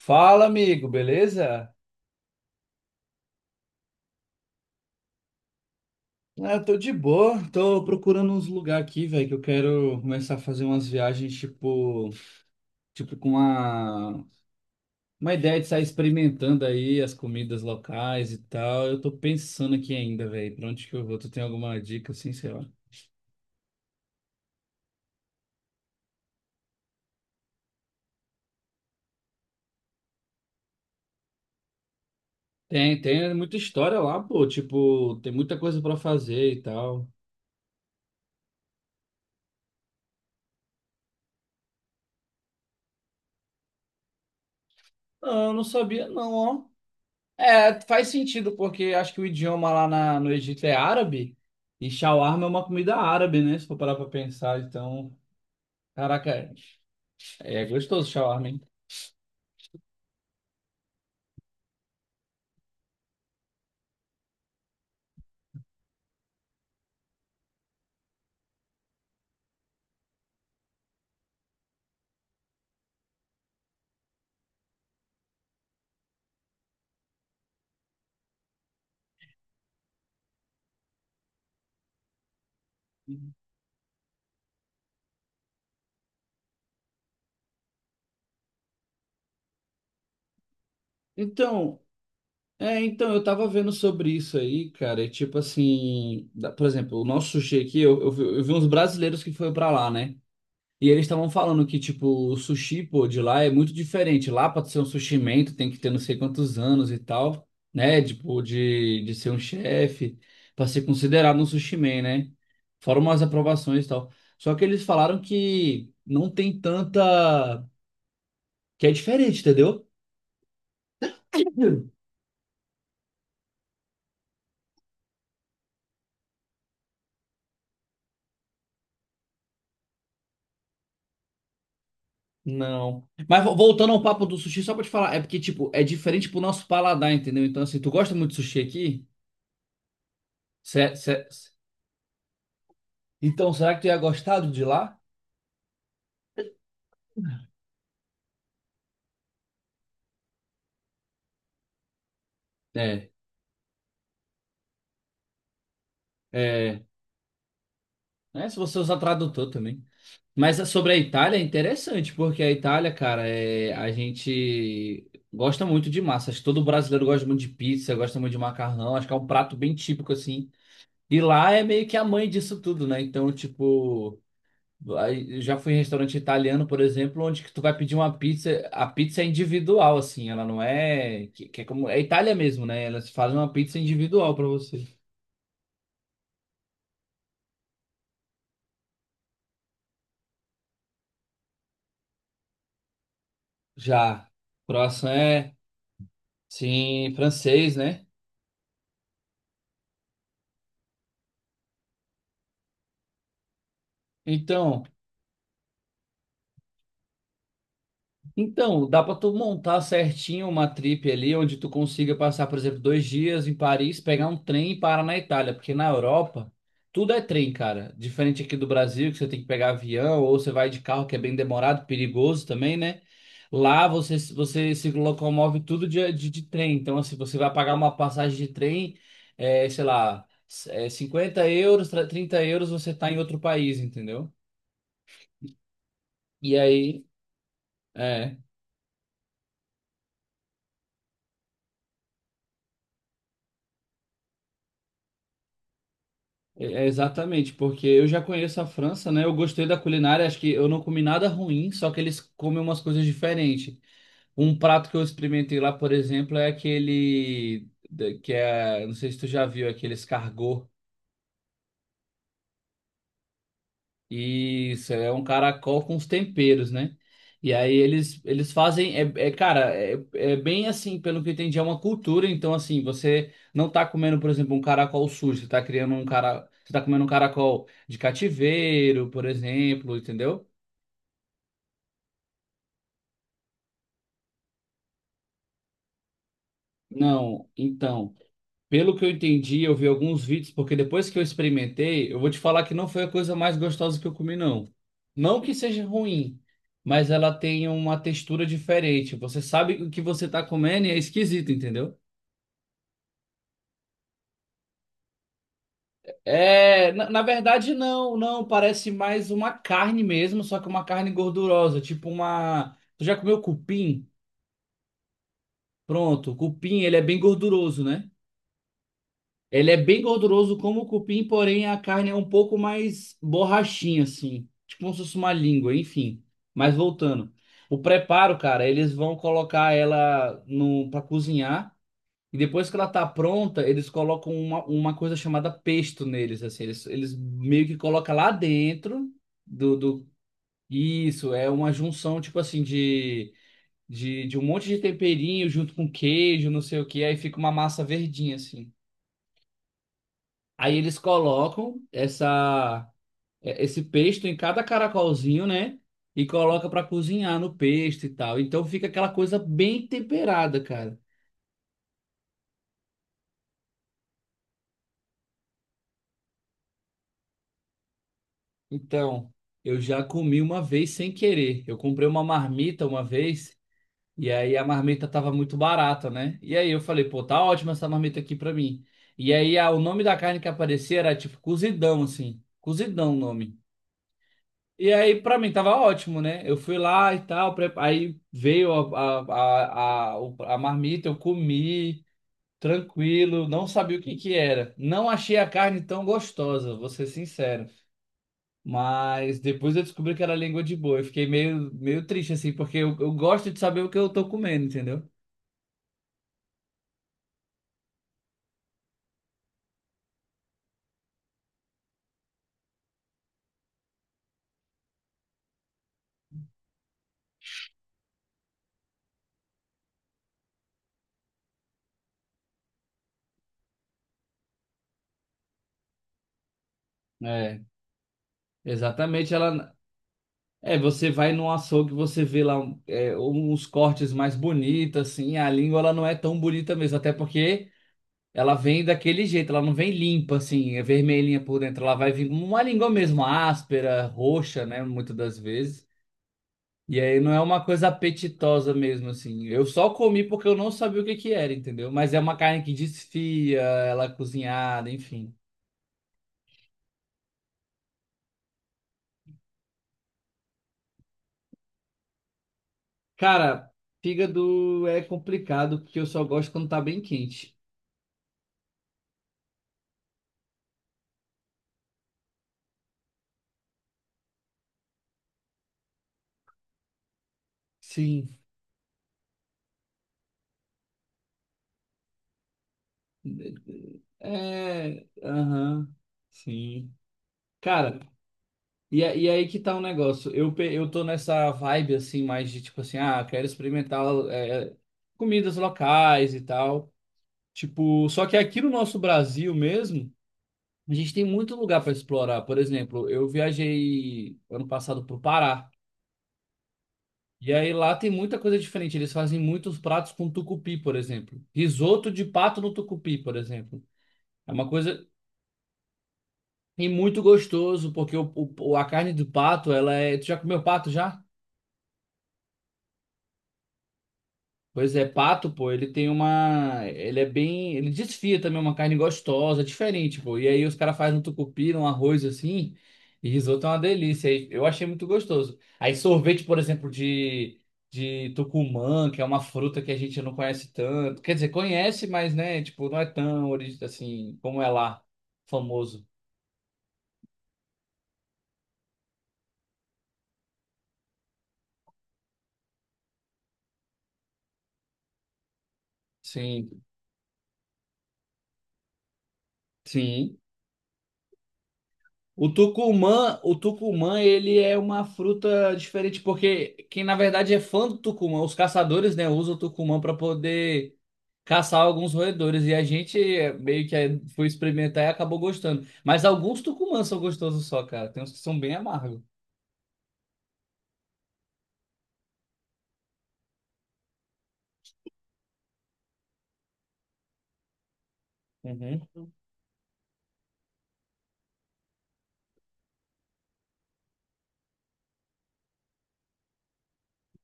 Fala, amigo, beleza? Ah, eu tô de boa, tô procurando uns lugares aqui, velho, que eu quero começar a fazer umas viagens, tipo, tipo com uma, uma ideia de sair experimentando aí as comidas locais e tal. Eu tô pensando aqui ainda, velho, pra onde que eu vou? Tu tem alguma dica, assim, sei lá? Tem muita história lá, pô, tipo, tem muita coisa pra fazer e tal. Ah, eu não sabia não, ó. É, faz sentido, porque acho que o idioma lá no Egito é árabe e shawarma é uma comida árabe, né? Se for parar pra pensar, então, caraca, é gostoso shawarma, hein? Então, então, eu tava vendo sobre isso aí, cara, e tipo assim, por exemplo, o nosso sushi aqui, eu vi uns brasileiros que foram pra lá, né? E eles estavam falando que, tipo, o sushi, pô, de lá é muito diferente. Lá, pra tu ser um sushi man, tu tem que ter não sei quantos anos e tal, né? Tipo, de ser um chefe, pra ser considerado um sushi man, né? Fora umas aprovações e tal. Só que eles falaram que não tem tanta... Que é diferente, entendeu? Não. Mas voltando ao papo do sushi, só pra te falar, é porque, tipo, é diferente pro nosso paladar, entendeu? Então, assim, tu gosta muito de sushi aqui? Cé- cé- Então, será que tu ia gostar do de lá? É. É, né, se você usar tradutor também. Mas sobre a Itália é interessante, porque a Itália, cara, é, a gente gosta muito de massa. Acho que todo brasileiro gosta muito de pizza, gosta muito de macarrão. Acho que é um prato bem típico, assim. E lá é meio que a mãe disso tudo, né? Então, tipo, aí eu já fui em restaurante italiano, por exemplo, onde que tu vai pedir uma pizza. A pizza é individual, assim, ela não é. Que é como. É Itália mesmo, né? Elas fazem uma pizza individual pra você. Já. Croissant é. Sim, francês, né? Então, então dá para tu montar certinho uma trip ali onde tu consiga passar, por exemplo, dois dias em Paris, pegar um trem e parar na Itália, porque na Europa tudo é trem, cara. Diferente aqui do Brasil, que você tem que pegar avião ou você vai de carro, que é bem demorado, perigoso também, né? Lá você, você se locomove tudo de trem. Então, assim, você vai pagar uma passagem de trem, sei lá, é, 50 euros, 30 euros, você tá em outro país, entendeu? E aí É, é exatamente, porque eu já conheço a França, né? Eu gostei da culinária, acho que eu não comi nada ruim, só que eles comem umas coisas diferentes. Um prato que eu experimentei lá, por exemplo, é aquele que é, não sei se tu já viu, aquele escargot. Isso, é um caracol com os temperos, né? E aí eles fazem, cara, é bem assim, pelo que eu entendi, é uma cultura, então assim, você não tá comendo, por exemplo, um caracol sujo, você tá criando um cara, você tá comendo um caracol de cativeiro, por exemplo, entendeu? Não, então. Pelo que eu entendi, eu vi alguns vídeos, porque depois que eu experimentei, eu vou te falar que não foi a coisa mais gostosa que eu comi, não. Não que seja ruim, mas ela tem uma textura diferente. Você sabe o que você tá comendo e é esquisito, entendeu? É, na verdade, não, não. Parece mais uma carne mesmo, só que uma carne gordurosa, tipo uma. Tu já comeu cupim? Pronto, o cupim, ele é bem gorduroso, né? Ele é bem gorduroso como o cupim, porém a carne é um pouco mais borrachinha, assim. Tipo como se fosse uma língua, enfim. Mas voltando. O preparo, cara, eles vão colocar ela no para cozinhar. E depois que ela tá pronta, eles colocam uma coisa chamada pesto neles, assim. Eles meio que colocam lá dentro do... Isso, é uma junção, tipo assim, de um monte de temperinho junto com queijo, não sei o que. Aí fica uma massa verdinha, assim. Aí eles colocam essa, esse pesto em cada caracolzinho, né? E coloca para cozinhar no pesto e tal. Então fica aquela coisa bem temperada, cara. Então, eu já comi uma vez sem querer. Eu comprei uma marmita uma vez e aí a marmita tava muito barata, né? E aí eu falei, pô, tá ótima essa marmita aqui pra mim. E aí ah, o nome da carne que aparecia era tipo cozidão, assim. Cozidão o nome. E aí, pra mim, tava ótimo, né? Eu fui lá e tal, aí veio a marmita, eu comi, tranquilo, não sabia o que que era. Não achei a carne tão gostosa, vou ser sincero. Mas depois eu descobri que era língua de boi. Eu fiquei meio, meio triste, assim, porque eu gosto de saber o que eu tô comendo, entendeu? É, exatamente. Ela. É, você vai num açougue, você vê lá um, é, uns cortes mais bonitos, assim, a língua ela não é tão bonita mesmo, até porque. Ela vem daquele jeito, ela não vem limpa, assim, é vermelhinha por dentro. Ela vai vir como uma língua mesmo, áspera, roxa, né? Muitas das vezes. E aí não é uma coisa apetitosa mesmo, assim. Eu só comi porque eu não sabia o que que era, entendeu? Mas é uma carne que desfia, ela é cozinhada, enfim. Cara, fígado é complicado porque eu só gosto quando tá bem quente. Sim. É. Aham. Sim. Cara. E, e aí que tá o negócio. Eu, eu tô nessa vibe assim, mais de tipo assim, ah, quero experimentar é, comidas locais e tal. Tipo, só que aqui no nosso Brasil mesmo, a gente tem muito lugar para explorar. Por exemplo, eu viajei ano passado pro Pará. E aí lá tem muita coisa diferente. Eles fazem muitos pratos com tucupi, por exemplo. Risoto de pato no tucupi, por exemplo. É uma coisa e muito gostoso, porque a carne do pato, ela é. Tu já comeu pato já? Pois é, pato, pô, ele tem uma. Ele é bem. Ele desfia também, é uma carne gostosa, diferente, pô. E aí os caras fazem um tucupi, um arroz assim, e risoto é uma delícia. Aí eu achei muito gostoso. Aí sorvete, por exemplo, de tucumã, que é uma fruta que a gente não conhece tanto. Quer dizer, conhece, mas, né, tipo, não é tão assim, como é lá, famoso. Sim, sim. O tucumã, ele é uma fruta diferente, porque quem na verdade é fã do tucumã, os caçadores, né, usam o tucumã para poder caçar alguns roedores, e a gente é, meio que é, foi experimentar e acabou gostando. Mas alguns tucumãs são gostosos só, cara, tem uns que são bem amargos. Uhum.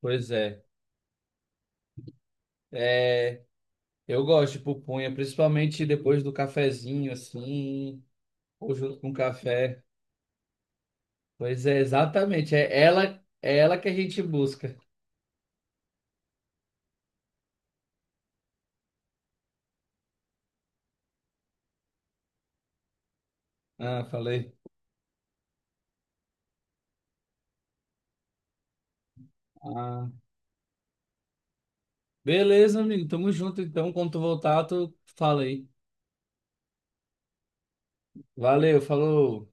Pois é. É, eu gosto de pupunha, principalmente depois do cafezinho, assim, ou junto com café. Pois é, exatamente, é ela que a gente busca. Ah, falei. Ah, beleza, amigo. Tamo junto, então. Quando tu voltar, tu fala aí. Valeu, falou.